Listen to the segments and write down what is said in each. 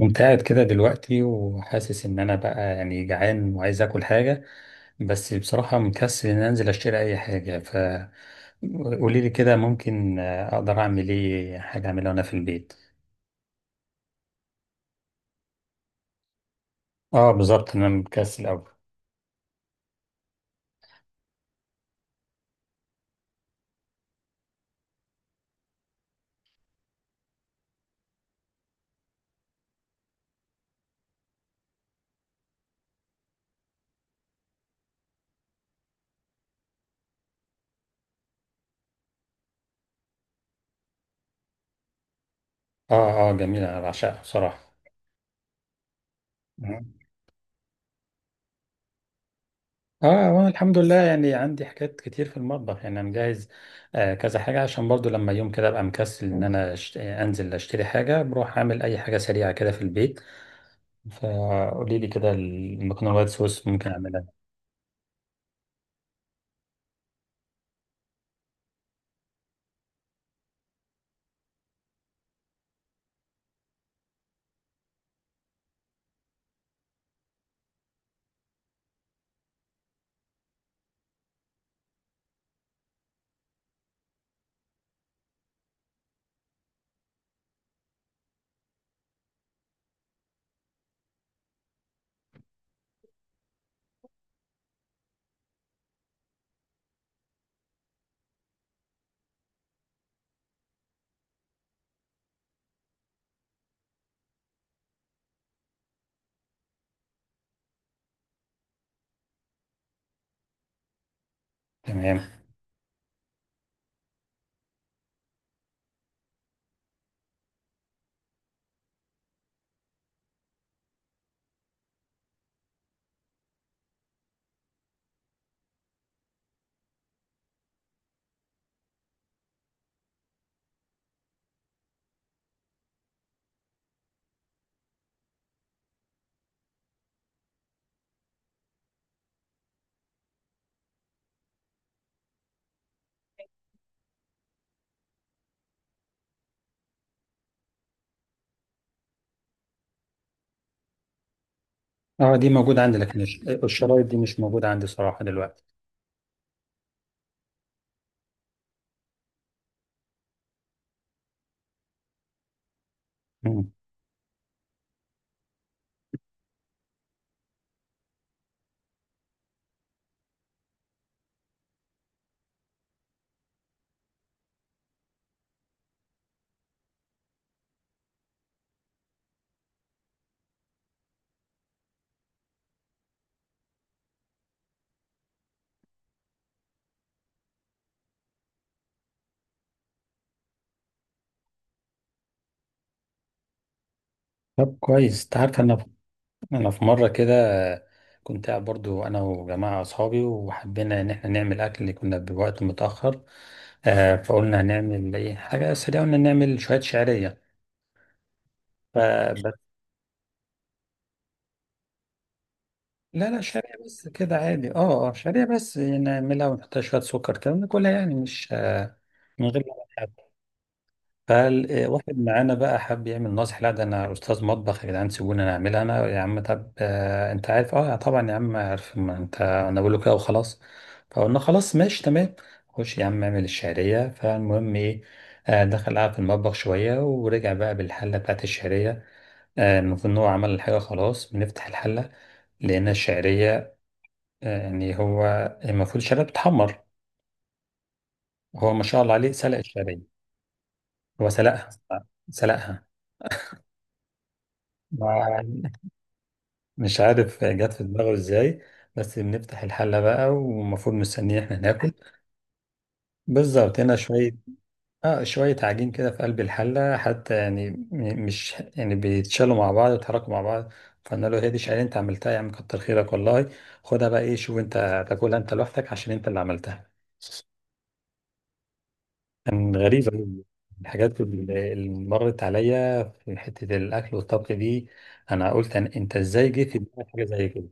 قمت قاعد كده دلوقتي وحاسس ان انا بقى يعني جعان وعايز اكل حاجة. بس بصراحة مكسل ان انزل اشتري اي حاجة. فقولي لي كده ممكن اقدر اعمل ايه، حاجة اعملها وانا في البيت. اه بالظبط انا مكسل اوي. اه اه، جميلة انا بعشقها بصراحة. مم. اه وانا الحمد لله يعني عندي حاجات كتير في المطبخ، يعني انا مجهز آه كذا حاجة، عشان برضو لما يوم كده ابقى مكسل ان انا انزل اشتري حاجة بروح اعمل اي حاجة سريعة كده في البيت. فقولي لي كده المكرونه الوايت صوص ممكن اعملها. تمام. اه دي موجوده عندي، لكن الشرايط دي مش موجوده عندي صراحه دلوقتي. مم. طب كويس، انت عارف انا في مره كده كنت قاعد برضو انا وجماعه اصحابي، وحبينا ان احنا نعمل اكل اللي كنا بوقت متاخر. آه فقلنا هنعمل ايه، حاجه سريعه، قلنا نعمل شويه شعريه فبس. لا شعريه بس كده عادي، اه اه شعريه بس نعملها ونحطها شويه سكر كده ناكلها، يعني مش من غير. فواحد معانا بقى حب يعمل ناصح، لا ده انا استاذ مطبخ يا جدعان سيبوني انا اعملها، انا يا عم، طب آه انت عارف اه طبعا يا عم عارف، ما انت انا بقول له كده وخلاص. فقلنا خلاص ماشي تمام. خش يا عم اعمل الشعريه، فالمهم ايه، آه دخل قعد في المطبخ شويه، ورجع بقى بالحله بتاعت الشعريه. آه المفروض ان هو عمل الحاجه خلاص، بنفتح الحله لقينا الشعريه، آه يعني هو المفروض الشعريه بتحمر، هو ما شاء الله عليه سلق الشعريه. هو سلقها. سلقها مش عارف جت في دماغه ازاي. بس بنفتح الحلة بقى، والمفروض مستنيين احنا ناكل، بالظبط هنا شوية. اه شوية عجين كده في قلب الحلة، حتى يعني مش يعني بيتشالوا مع بعض ويتحركوا مع بعض. فانا له هي دي شعير انت عملتها يا عم؟ كتر خيرك والله، خدها بقى ايه شوف انت هتاكلها انت لوحدك عشان انت اللي عملتها. كان غريب أوي. الحاجات اللي مرت عليا في حتة الأكل والطبخ دي، أنا قلت أنا أنت إزاي جه في دماغك حاجة زي كده؟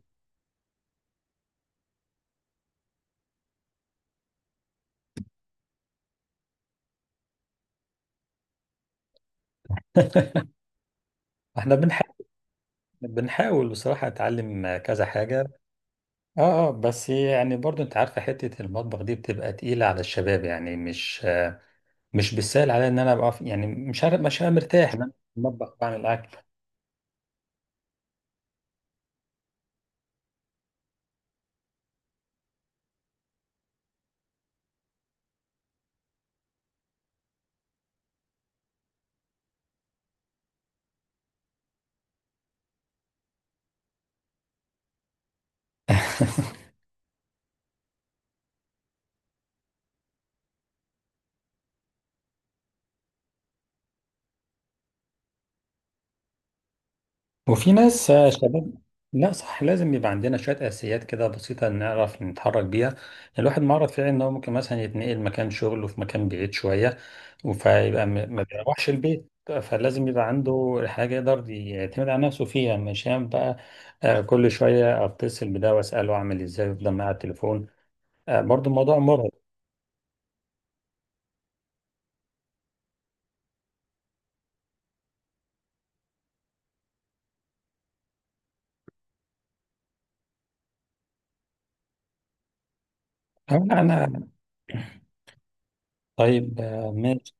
إحنا بنحاول، بصراحة أتعلم كذا حاجة. اه اه، بس يعني برضو انت عارفة حتة المطبخ دي بتبقى تقيلة على الشباب، يعني مش بالسهل عليا ان انا ابقى يعني مش عارف، مش هبقى مرتاح ان انا في المطبخ بعمل اكل. وفي ناس شباب. لا صح، لازم يبقى عندنا شوية أساسيات كده بسيطة نعرف نتحرك بيها. الواحد معرض فعلا إن هو ممكن مثلا يتنقل مكان شغل وفي مكان بعيد شوية، فيبقى ما بيروحش البيت، فلازم يبقى عنده حاجة يقدر يعتمد على نفسه فيها، مش يعني بقى كل شوية أتصل بده وأسأله أعمل إزاي ويفضل معاه على التليفون، آه، برضو الموضوع مرهق. أه لا أنا طيب ماشي.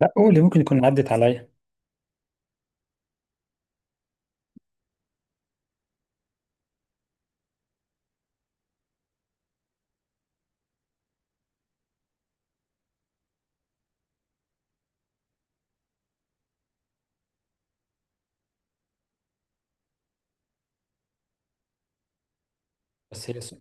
لا قولي ممكن يكون عدت عليا. بس هي س-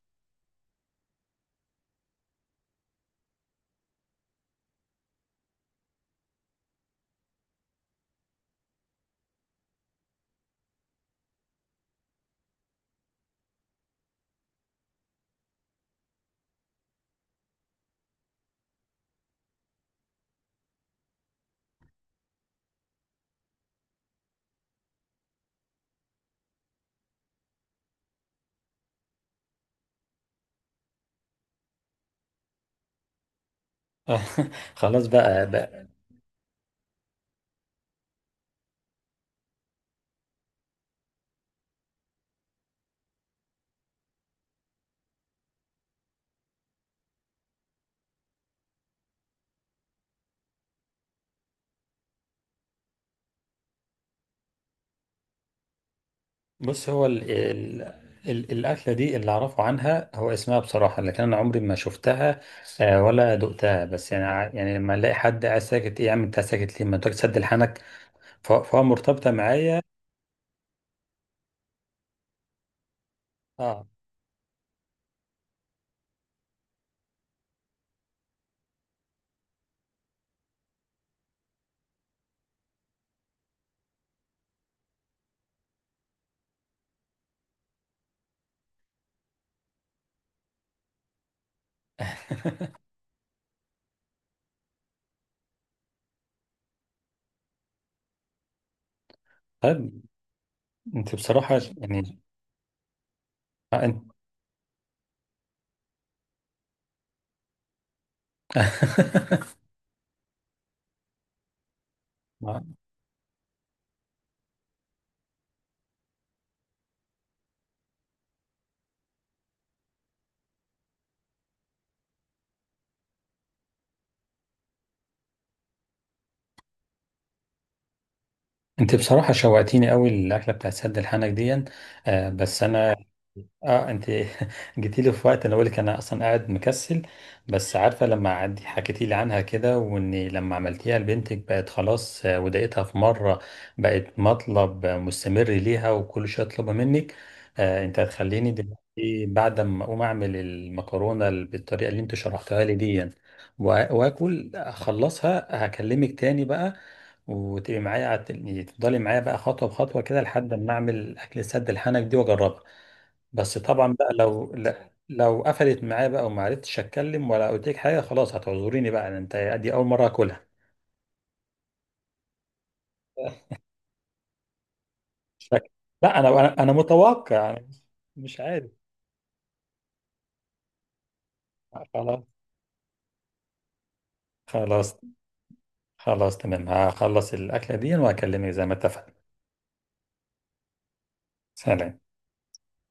خلاص بقى, بقى بص هو ال ال ال الأكلة دي اللي أعرفه عنها هو اسمها بصراحة، لكن أنا عمري ما شفتها آه، ولا دقتها، بس يعني يعني لما ألاقي حد قاعد ساكت، إيه يا عم أنت ساكت ليه، ما أنت تسد لحنك. فهو مرتبطة معايا. أه طيب أنت بصراحة يعني آه، أنت آه، أنت بصراحة شوقتيني قوي الأكلة بتاعت سد الحنك دي. آه، بس أنا اه انت جيتي لي في وقت انا بقولك انا اصلا قاعد مكسل. بس عارفه لما عدي حكيتي لي عنها كده، وان لما عملتيها لبنتك بقت خلاص آه، ودقتها في مره بقت مطلب آه، مستمر ليها وكل شويه اطلبها منك. آه انت هتخليني دلوقتي بعد ما اقوم اعمل المكرونه بالطريقه اللي انت شرحتها لي دي، واكل اخلصها هكلمك تاني بقى. وتبقي معايا على تفضلي معايا بقى خطوه بخطوه كده لحد ما اعمل اكل سد الحنك دي واجربها. بس طبعا بقى لو لو قفلت معايا بقى وما عرفتش اتكلم ولا قلت لك حاجه، خلاص هتعذريني بقى انت، دي اول مره اكلها. شك- لا انا انا أنا متوقع، أنا مش عارف. خلاص خلاص. خلاص تمام هخلص الاكله دي وهكلمك زي ما اتفقنا. سلام.